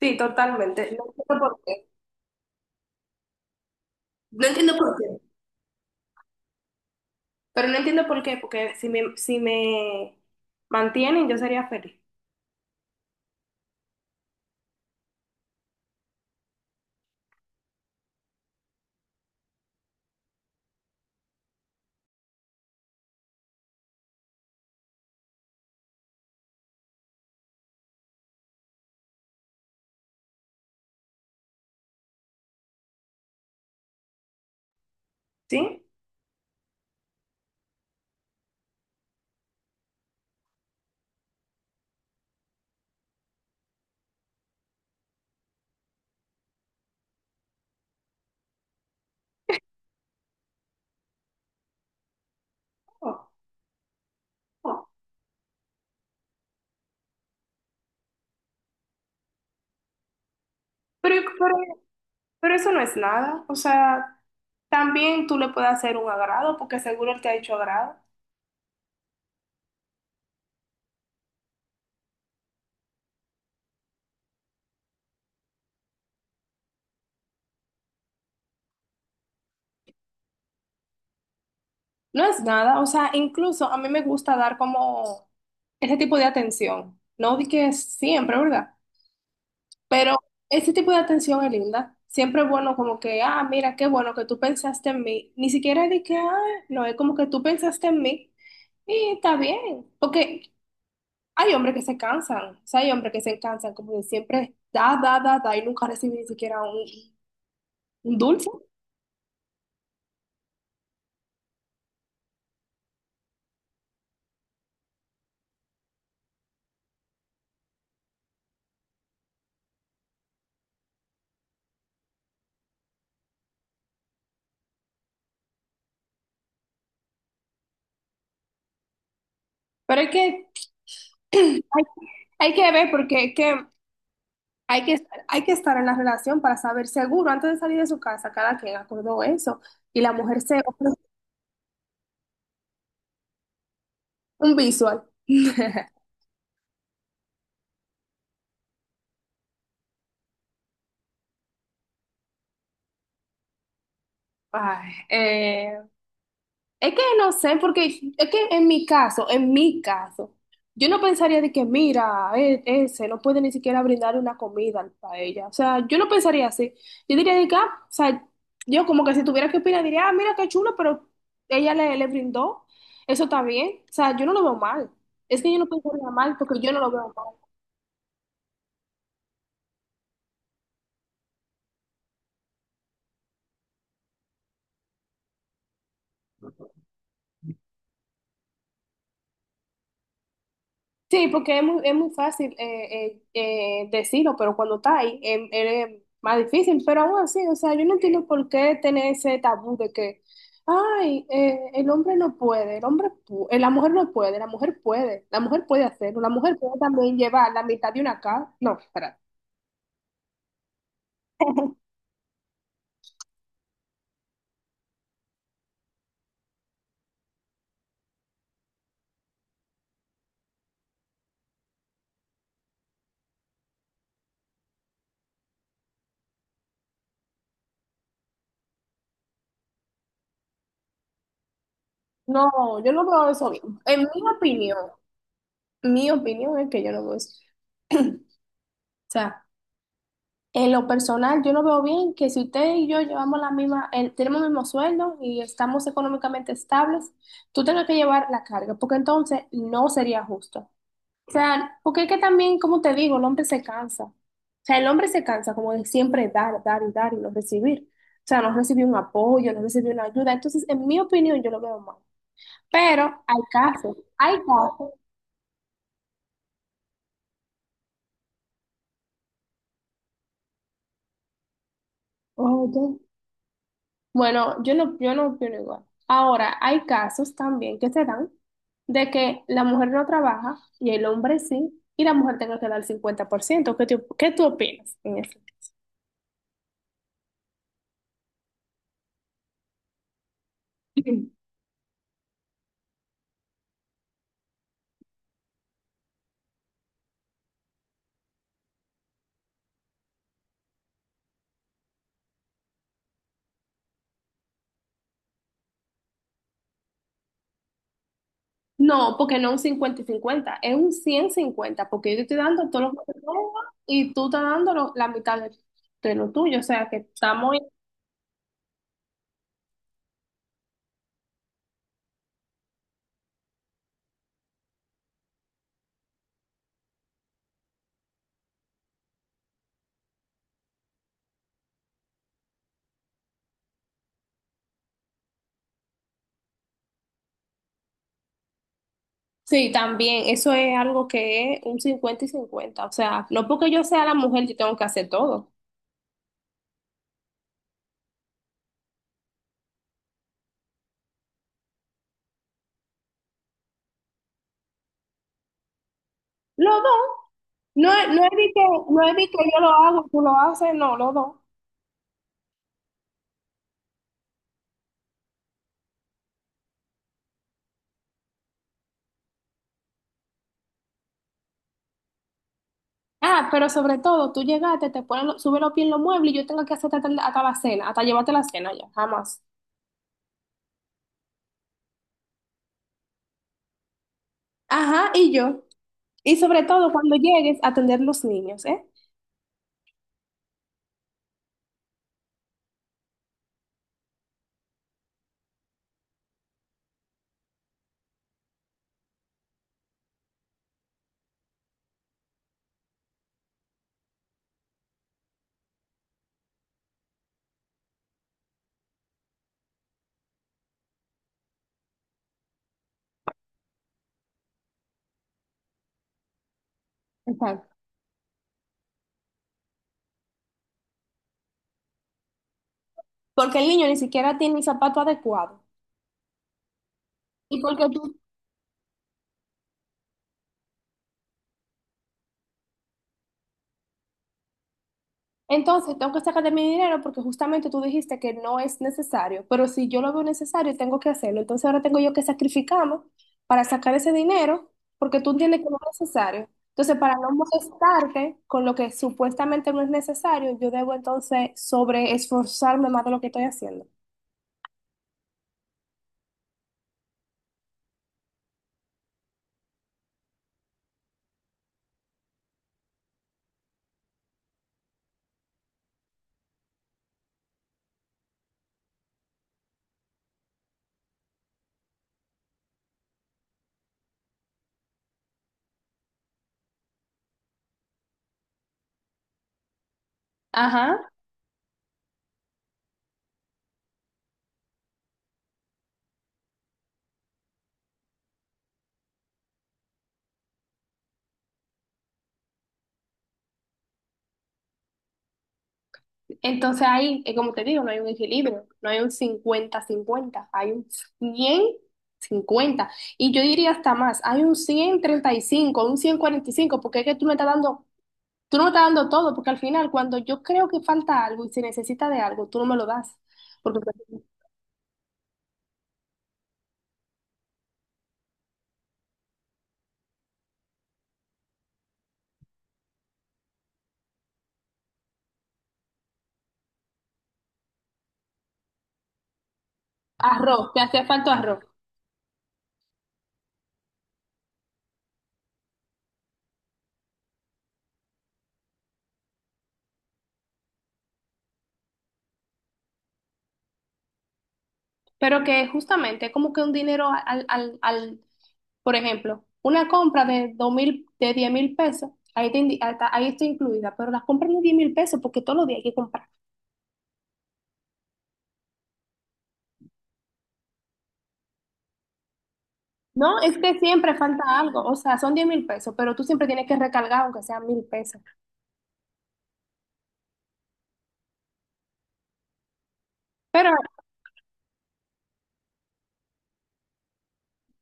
Sí, totalmente. No entiendo por qué. No entiendo por qué. Pero no entiendo por qué, porque si me mantienen, yo sería feliz. ¿Sí? Oh, oh. Pero, pero, pero eso no es nada. O sea, también tú le puedes hacer un agrado, porque seguro él te ha hecho agrado. No es nada. O sea, incluso a mí me gusta dar como ese tipo de atención. No di que siempre, ¿verdad? Pero ese tipo de atención es linda. Siempre es bueno como que, ah, mira, qué bueno que tú pensaste en mí. Ni siquiera de que, ah, no, es como que tú pensaste en mí. Y está bien, porque hay hombres que se cansan, o sea, hay hombres que se cansan como de siempre da, da, da, da y nunca reciben ni siquiera un dulce. Pero hay que, hay, hay que ver porque es que hay que estar en la relación para saber seguro antes de salir de su casa, cada quien acordó eso. Y la mujer se ofrece un visual. Ay, es que no sé, porque es que en mi caso, yo no pensaría de que, mira, ese no puede ni siquiera brindar una comida para ella. O sea, yo no pensaría así. Yo diría de que, ah, o sea, yo como que si tuviera que opinar, diría, ah, mira qué chulo, pero ella le brindó. Eso está bien. O sea, yo no lo veo mal. Es que yo no pensaría mal porque yo no lo veo mal. Sí, porque es muy fácil decirlo, pero cuando está ahí es más difícil. Pero aún así, o sea, yo no entiendo por qué tener ese tabú de que, ay, el hombre no puede, la mujer no puede, la mujer puede, hacerlo, la mujer puede también llevar la mitad de una casa. No, espera. No, yo no veo eso bien. Opinión, mi opinión es que yo no veo eso. O sea. En lo personal, yo no veo bien que si usted y yo llevamos la misma, tenemos el mismo sueldo y estamos económicamente estables, tú tengas que llevar la carga, porque entonces no sería justo. O sea, porque es que también, como te digo, el hombre se cansa. O sea, el hombre se cansa como de siempre dar, dar y dar y no recibir. O sea, no recibir un apoyo, no recibir una ayuda. Entonces, en mi opinión, yo lo veo mal. Pero hay casos, hay casos. Oye. Bueno, yo no opino igual. Ahora, hay casos también que se dan de que la mujer no trabaja y el hombre sí, y la mujer tenga que dar el 50%. ¿Qué tú opinas en eso? No, porque no un 50-50, es un 100-50, porque yo te estoy dando todo lo que tengo y tú estás dando la mitad de lo tuyo. O sea, que estamos... Sí, también, eso es algo que es un 50-50, o sea, no porque yo sea la mujer, yo tengo que hacer todo. Los dos. No, no es de que yo lo hago, tú lo haces, no, los dos. Ah, pero sobre todo, tú llegaste, te pones, subes los pies en los muebles y yo tengo que hacerte hasta la cena, hasta llevarte la cena ya, jamás. Ajá, y yo. Y sobre todo cuando llegues, a atender los niños, ¿eh? Exacto. Porque el niño ni siquiera tiene el zapato adecuado. Y porque tú Entonces, tengo que sacar de mi dinero porque justamente tú dijiste que no es necesario, pero si yo lo veo necesario, tengo que hacerlo. Entonces, ahora tengo yo que sacrificarme para sacar ese dinero porque tú entiendes que no es necesario. Entonces, para no molestarte con lo que supuestamente no es necesario, yo debo entonces sobre esforzarme más de lo que estoy haciendo. Ajá. Entonces ahí, como te digo, no hay un equilibrio, no hay un 50-50, hay un 100-50. Y yo diría hasta más, hay un 135, un 145, porque es que tú me estás dando, tú no me estás dando todo, porque al final cuando yo creo que falta algo y se necesita de algo, tú no me lo das. Porque por ejemplo, arroz, te hace falta arroz. Pero que justamente es como que un dinero al. Por ejemplo, una compra de 2,000, de 10,000 pesos, ahí, ahí está incluida, pero las compras de 10,000 pesos porque todos los días hay que comprar. No, es que siempre falta algo, o sea, son 10,000 pesos, pero tú siempre tienes que recargar aunque sean 1,000 pesos. Pero,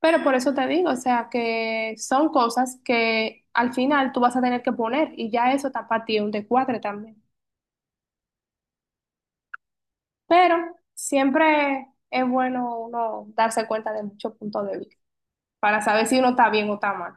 pero por eso te digo, o sea, que son cosas que al final tú vas a tener que poner y ya eso está para ti un descuadre también. Pero siempre es bueno uno darse cuenta de muchos puntos de vista para saber si uno está bien o está mal.